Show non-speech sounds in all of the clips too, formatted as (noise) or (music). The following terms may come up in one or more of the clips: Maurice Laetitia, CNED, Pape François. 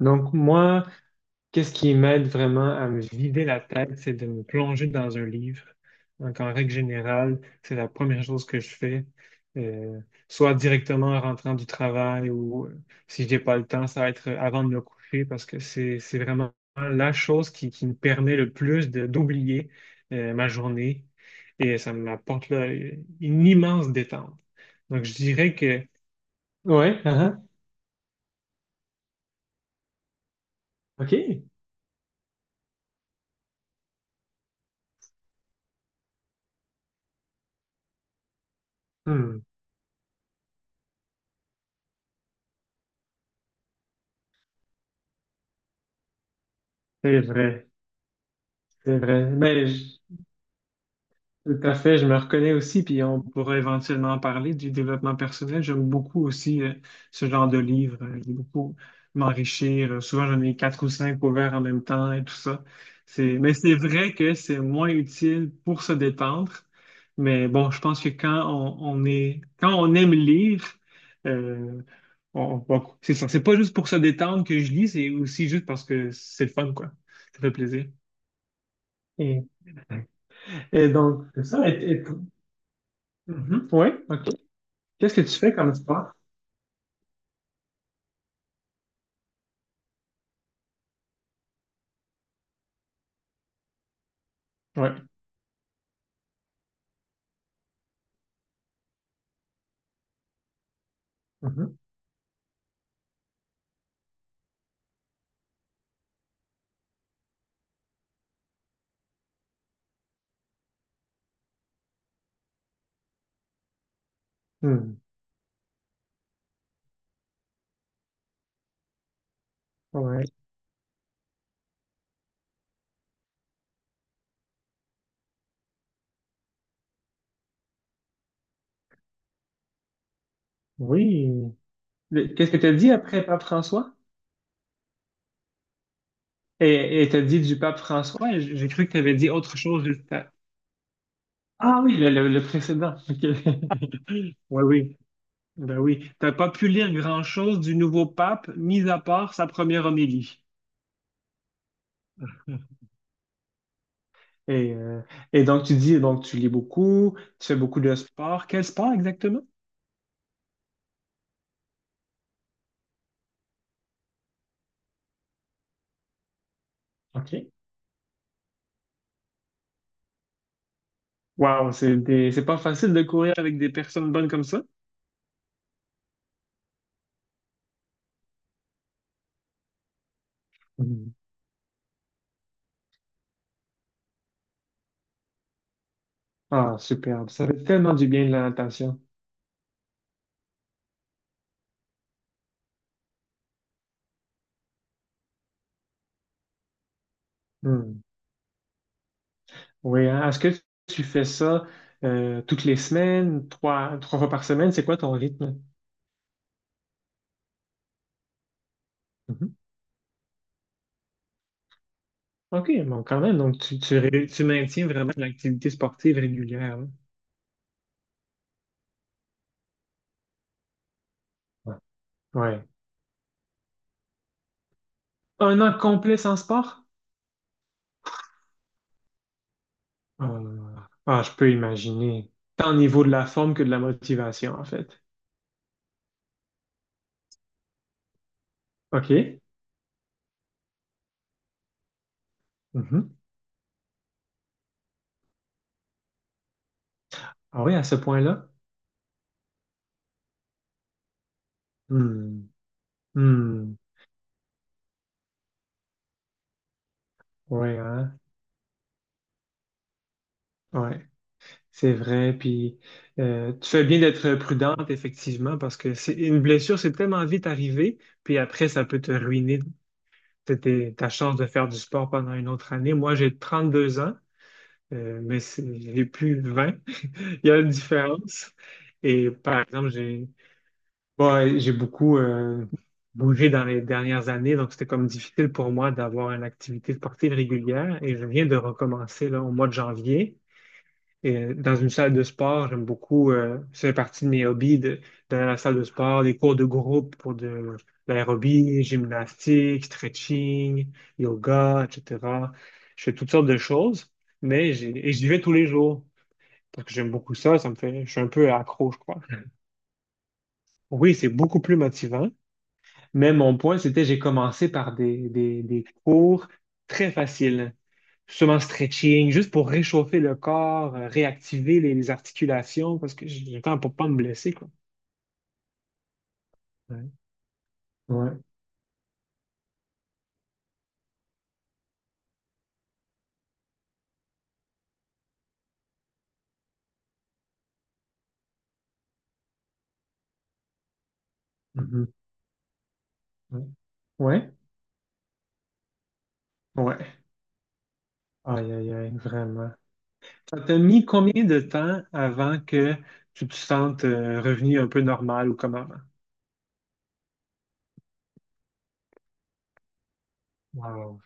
Donc, moi, qu'est-ce qui m'aide vraiment à me vider la tête, c'est de me plonger dans un livre. Donc, en règle générale, c'est la première chose que je fais, euh, soit directement en rentrant du travail ou si j'ai pas le temps, ça va être avant de me coucher parce que c'est vraiment la chose qui me permet le plus d'oublier, ma journée et ça m'apporte là, une immense détente. Donc, je dirais que, ouais, ah, ah, OK. Hmm, c'est vrai. C'est vrai. Tout à fait, je me reconnais aussi, puis on pourrait éventuellement en parler du développement personnel. J'aime beaucoup aussi ce genre de livre. J'aime beaucoup m'enrichir. Souvent, j'en ai quatre ou cinq ouverts en même temps et tout ça. Mais c'est vrai que c'est moins utile pour se détendre. Mais bon, je pense que quand on quand on aime lire, euh, bon, c'est ça. C'est pas juste pour se détendre que je lis, c'est aussi juste parce que c'est le fun, quoi. Ça fait plaisir. Et- et donc, c'est ça. Mhm. Oui, OK. Qu'est-ce que tu fais comme sport? Oui. Mhm. Mhm. Ouais. Oui. Qu'est-ce que tu as dit après pape François? Et tu as dit du pape François? J'ai cru que tu avais dit autre chose. Ah oui, le précédent. OK. (laughs) Oui, oui. Ben oui. T'as pas pu lire grand-chose du nouveau pape, mis à part sa première homélie. (laughs) Et, euh, et donc, tu dis, donc, tu lis beaucoup, tu fais beaucoup de sport. Quel sport exactement? OK. Waouh, c'est pas facile de courir avec des personnes bonnes comme ça. Mhm. Ah, superbe. Ça fait tellement du bien de la natation. Hmm. Oui, hein. Est-ce que tu fais ça toutes les semaines, trois fois par semaine? C'est quoi ton rythme? Mhm. OK, bon, quand même. Donc, tu maintiens vraiment une activité sportive régulière. Hein. Ouais. Ouais. Un an complet sans sport? Euh, ah, je peux imaginer. Tant au niveau de la forme que de la motivation, en fait. OK. Mhm. Ah oui, à ce point-là? Hmm. Hmm, ouais, hein, ouais, c'est vrai. Puis tu fais bien d'être prudente, effectivement, parce que c'est une blessure, c'est tellement vite arrivé, puis après, ça peut te ruiner ta chance de faire du sport pendant une autre année. Moi, j'ai 32 ans, mais j'ai plus 20 (laughs) Il y a une différence. Et par exemple, j'ai bon, j'ai beaucoup bougé dans les dernières années, donc c'était comme difficile pour moi d'avoir une activité sportive régulière. Et je viens de recommencer là, au mois de janvier. Et dans une salle de sport, j'aime beaucoup, ça fait partie de mes hobbies, d'aller à la salle de sport, les cours de groupe pour de l'aérobie, gymnastique, stretching, yoga, etc. Je fais toutes sortes de choses, et j'y vais tous les jours parce que j'aime beaucoup ça, ça me fait, je suis un peu accro, je crois. Oui, c'est beaucoup plus motivant, mais mon point, c'était j'ai commencé par des cours très faciles. Justement, stretching, juste pour réchauffer le corps, réactiver les articulations, parce que j'ai le temps pour pas me blesser, quoi. Ouais. Ouais. Mhm. Ouais. Ouais. Ouais. Aïe, aïe, aïe, vraiment. Ça t'a mis combien de temps avant que tu te sentes revenu un peu normal ou comme avant? Wow.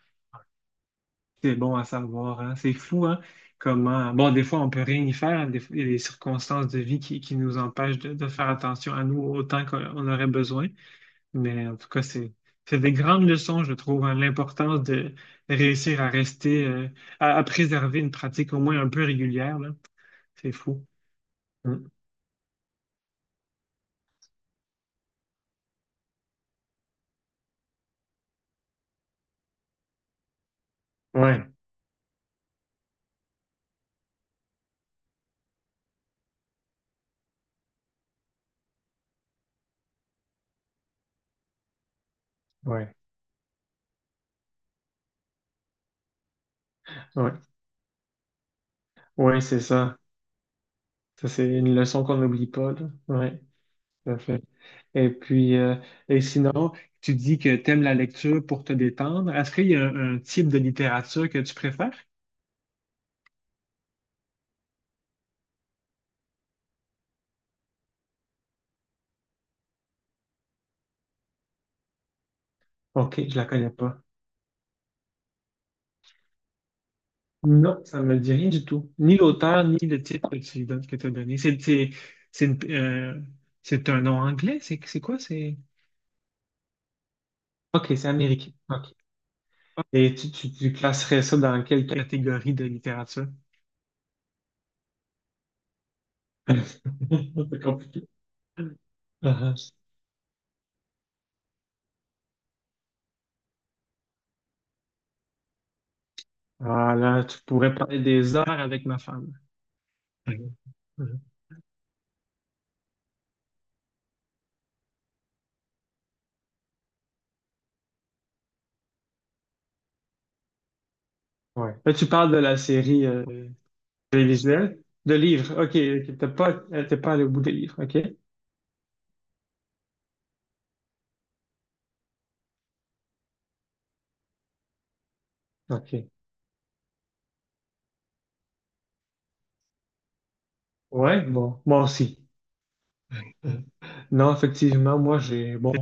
C'est bon à savoir, hein? C'est fou, hein? Comment. Bon, des fois, on peut rien y faire. Hein. Des fois, il y a des circonstances de vie qui nous empêchent de faire attention à nous autant qu'on aurait besoin. Mais en tout cas, c'est des grandes leçons, je trouve, hein, l'importance de réussir à rester, à préserver une pratique au moins un peu régulière, là. C'est fou. Mm. Ouais, ouais, ouais, ouais, c'est ça. Ça, c'est une leçon qu'on n'oublie pas, là. Ouais, tout à fait. Et puis, et sinon, tu dis que tu aimes la lecture pour te détendre. Est-ce qu'il y a un type de littérature que tu préfères? Ok, je la connais pas. Non, ça ne me dit rien du tout. Ni l'auteur, ni le titre que t'as donné. C'est une- euh, c'est un nom anglais? C'est quoi? OK, c'est américain. OK. Et tu classerais ça dans quelle catégorie de littérature? (laughs) C'est compliqué. Ah ah. Ah, là, tu pourrais parler des heures avec ma femme. Mhm. Mhm. Ouais. Là, tu parles de la série télévisuelle, de livres. OK, ok. T'es pas allé au bout des livres. OK? OK. Ouais, bon, moi aussi. (laughs) Non, effectivement, moi j'ai bon,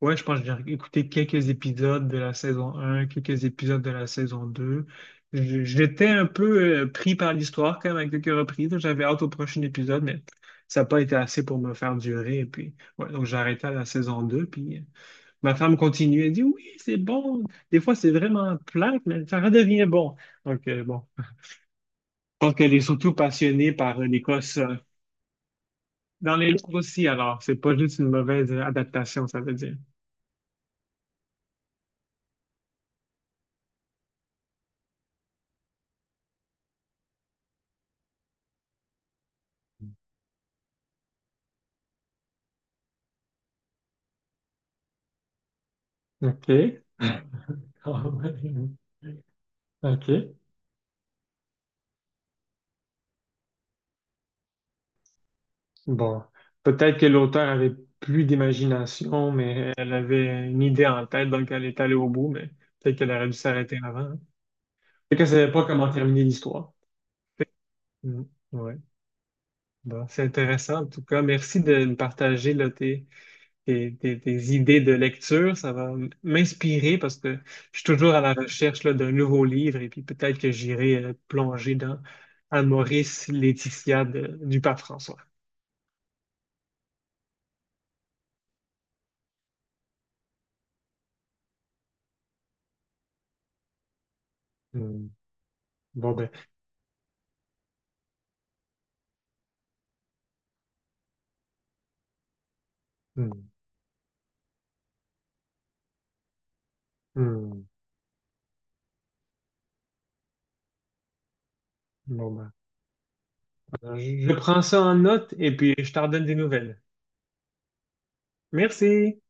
ouais, je pense que j'ai écouté quelques épisodes de la saison 1, quelques épisodes de la saison 2. J'étais un peu pris par l'histoire quand même à quelques reprises. J'avais hâte au prochain épisode, mais ça n'a pas été assez pour me faire durer. Et puis, ouais, donc j'ai arrêté à la saison 2. Puis ma femme continue. Elle dit oui, c'est bon. Des fois, c'est vraiment plate, mais ça redevient bon. Donc, bon. Je pense qu'elle est surtout passionnée par l'Écosse. Dans les livres aussi, alors, c'est pas juste une mauvaise adaptation, ça veut dire. OK. (laughs) OK. Bon, peut-être que l'auteur avait plus d'imagination, mais elle avait une idée en tête, donc elle est allée au bout, mais peut-être qu'elle aurait dû s'arrêter avant. Hein. Peut-être qu'elle savait pas comment terminer l'histoire. Mm. Ouais. Bon, c'est intéressant en tout cas. Merci de me partager là, tes, tes idées de lecture. Ça va m'inspirer parce que je suis toujours à la recherche là, d'un nouveau livre et puis peut-être que j'irai plonger dans Maurice Laetitia du pape François. Hmm. Bon ben, hmm. Hmm. Bon ben, je prends ça en note et puis je t'en donne des nouvelles. Merci.